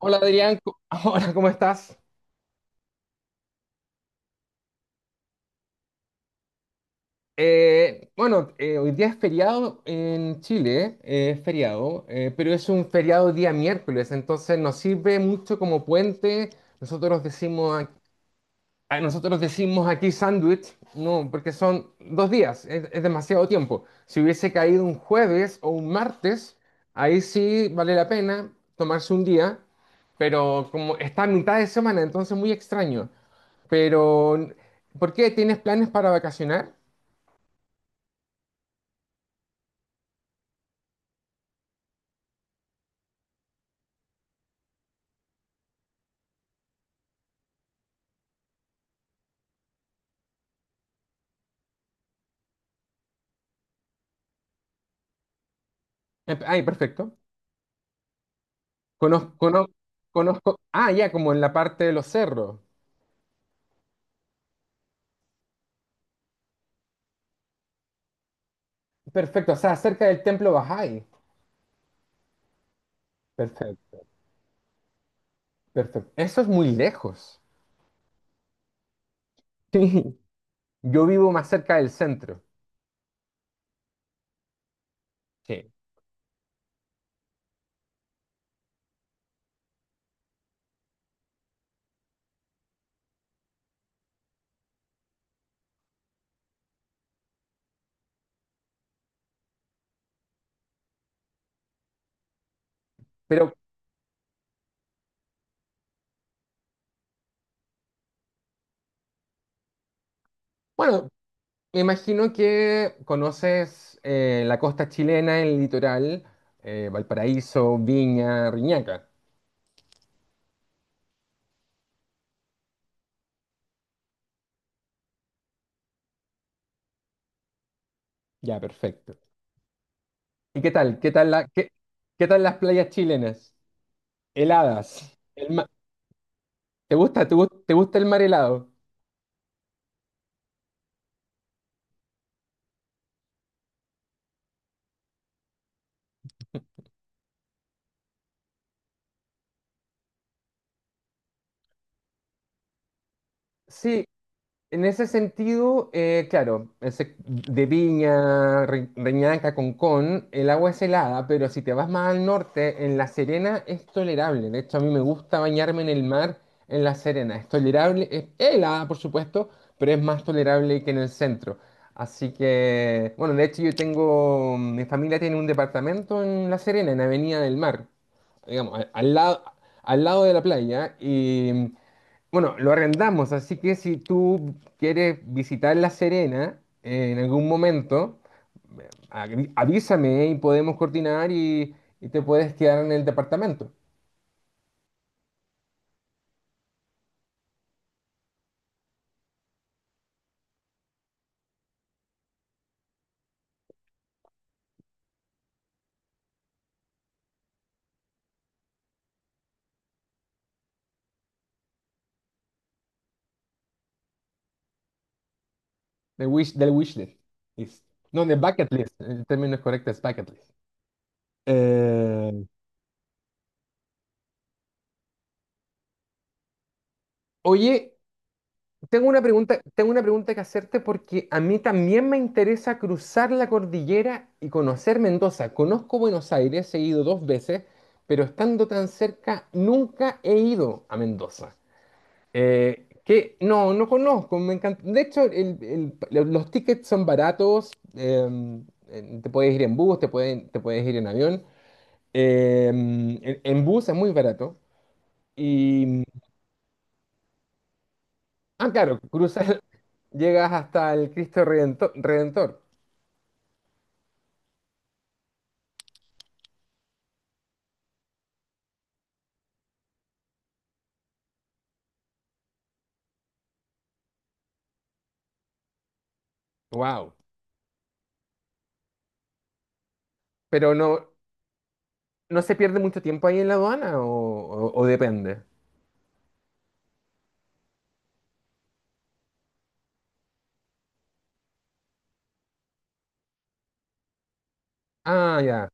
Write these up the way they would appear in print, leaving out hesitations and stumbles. Hola Adrián, Co- hola, ¿cómo estás? Bueno, hoy día es feriado en Chile, es feriado, pero es un feriado día miércoles, entonces nos sirve mucho como puente. Nosotros decimos, nosotros decimos aquí sándwich, no, porque son dos días, es demasiado tiempo. Si hubiese caído un jueves o un martes, ahí sí vale la pena tomarse un día, pero como está a mitad de semana, entonces muy extraño. Pero ¿por qué? ¿Tienes planes para vacacionar? Ay, perfecto. Conozco, conozco, conozco. Ah, ya, como en la parte de los cerros. Perfecto, o sea, cerca del templo Bahá'í. Perfecto, perfecto. Eso es muy lejos. Sí. Yo vivo más cerca del centro. Sí. Pero bueno, me imagino que conoces la costa chilena, el litoral, Valparaíso, Viña, Riñaca. Ya, perfecto. ¿Y qué tal? ¿Qué tal las playas chilenas? Heladas. ¿Te gusta, te gusta el mar helado? Sí. En ese sentido, claro, de Viña, Reñaca, Concón, el agua es helada, pero si te vas más al norte, en La Serena es tolerable. De hecho, a mí me gusta bañarme en el mar en La Serena. Es tolerable, es helada, por supuesto, pero es más tolerable que en el centro. Así que bueno, de hecho yo tengo, mi familia tiene un departamento en La Serena, en Avenida del Mar, digamos, al lado, al lado de la playa. Y bueno, lo arrendamos, así que si tú quieres visitar La Serena en algún momento, avísame y podemos coordinar y te puedes quedar en el departamento de wish, del wish list. List. No, de bucket list. El término correcto es bucket list. Eh, oye, tengo una pregunta que hacerte porque a mí también me interesa cruzar la cordillera y conocer Mendoza. Conozco Buenos Aires, he ido dos veces, pero estando tan cerca, nunca he ido a Mendoza. Que no, no conozco, me encanta. De hecho, los tickets son baratos, te puedes ir en bus, te puedes ir en avión. En bus es muy barato. Ah, claro, cruzas, llegas hasta el Cristo Redentor. Wow. Pero no, no se pierde mucho tiempo ahí en la aduana o, o depende. Ah, ya.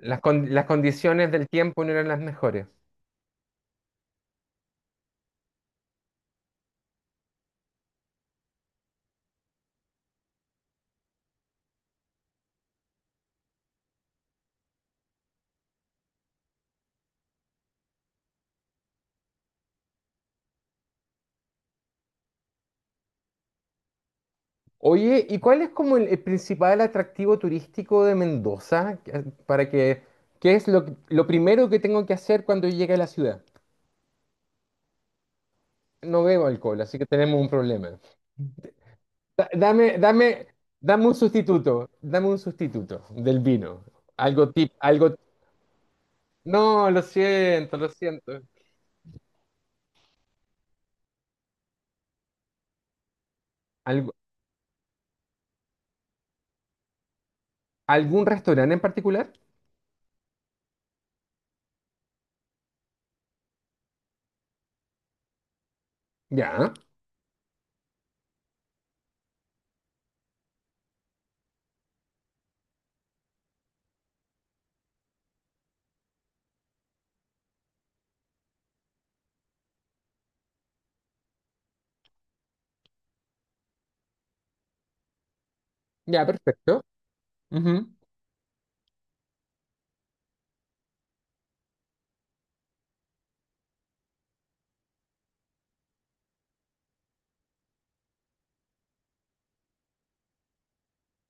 Las condiciones del tiempo no eran las mejores. Oye, ¿y cuál es como el principal atractivo turístico de Mendoza? Para que, ¿lo primero que tengo que hacer cuando llegue a la ciudad? No bebo alcohol, así que tenemos un problema. Da- Dame, dame, dame un sustituto, dame un sustituto del vino. Algo tip, algo. No, lo siento, lo siento. Algo- ¿Algún restaurante en particular? Ya, ya, perfecto. Ujú.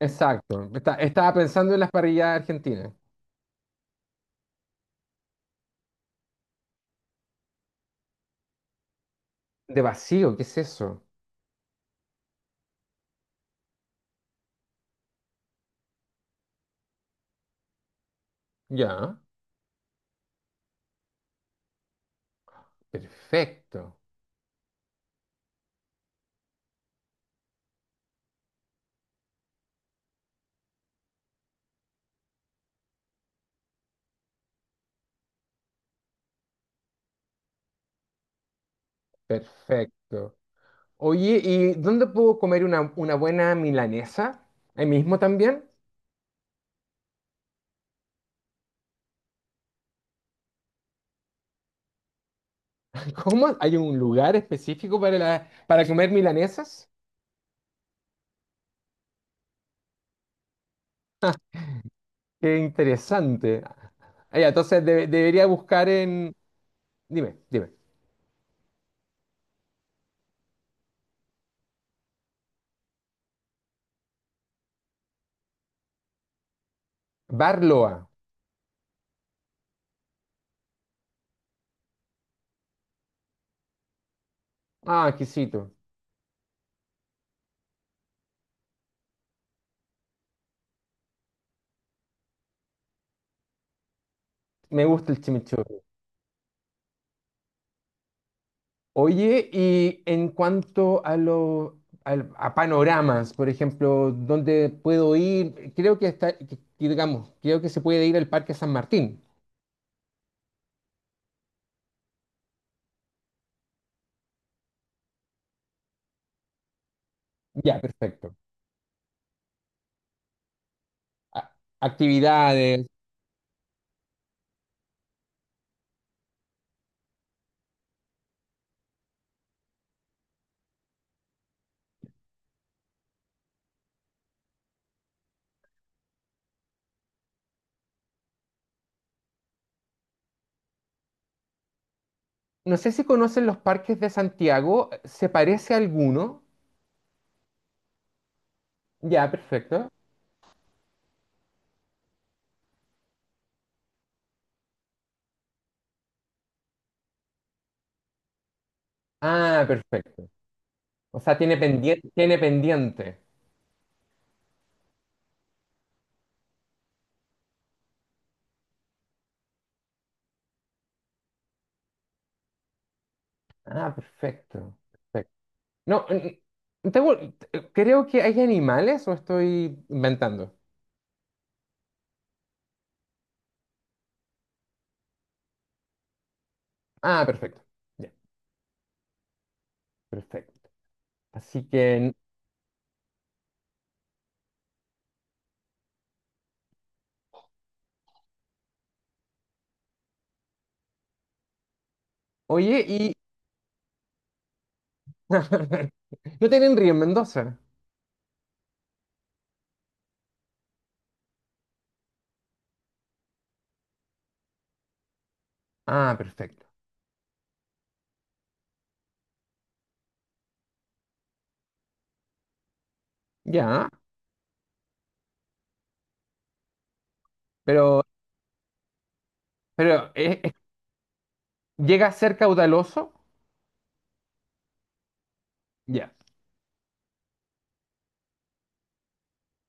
Exacto. Estaba pensando en las parrillas argentinas. De vacío, ¿qué es eso? Ya, perfecto, perfecto. Oye, ¿y dónde puedo comer una buena milanesa? ¿Ahí mismo también? ¿Cómo? ¿Hay un lugar específico para, la, para comer milanesas? Qué interesante. Ah, ya, entonces debería buscar en... Dime, dime. Barloa. Ah, exquisito. Me gusta el chimichurri. Oye, y en cuanto a los a panoramas, por ejemplo, ¿dónde puedo ir? Creo que está, que digamos, creo que se puede ir al Parque San Martín. Ya, perfecto. A- Actividades. No sé si conocen los parques de Santiago, ¿se parece a alguno? Ya, perfecto. Ah, perfecto. O sea, tiene pendiente, tiene pendiente. Ah, perfecto. Perfecto. No, n- tengo- creo que hay animales o estoy inventando. Ah, perfecto. Ya, perfecto. Así que oye, y no tienen río en Mendoza. Ah, perfecto. Ya, pero, pero llega a ser caudaloso. Ya,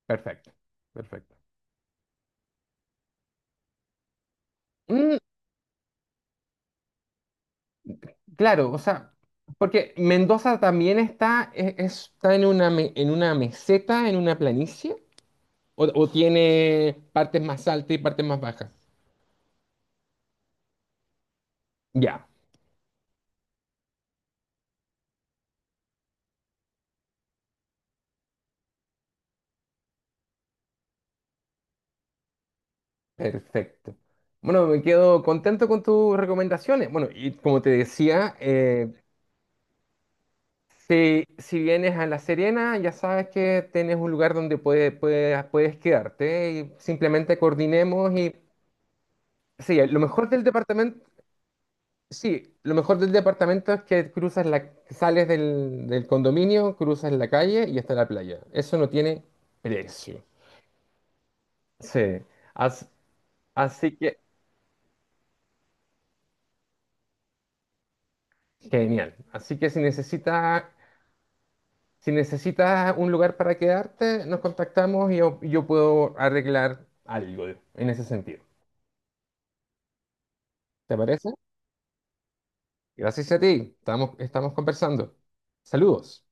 perfecto. Perfecto. Mm, claro, o sea, porque Mendoza también está, está en una, en una meseta, en una planicie, o tiene partes más altas y partes más bajas. Ya, perfecto. Bueno, me quedo contento con tus recomendaciones. Bueno, y como te decía, si, si vienes a La Serena, ya sabes que tienes un lugar donde puedes quedarte y simplemente coordinemos y... Sí, lo mejor del departamento. Sí, lo mejor del departamento es que cruzas la, sales del, del condominio, cruzas la calle y está la playa. Eso no tiene precio. Sí, as- así que genial. Así que si necesitas, si necesitas un lugar para quedarte, nos contactamos y yo puedo arreglar algo en ese sentido. ¿Te parece? Gracias a ti. Estamos, estamos conversando. Saludos.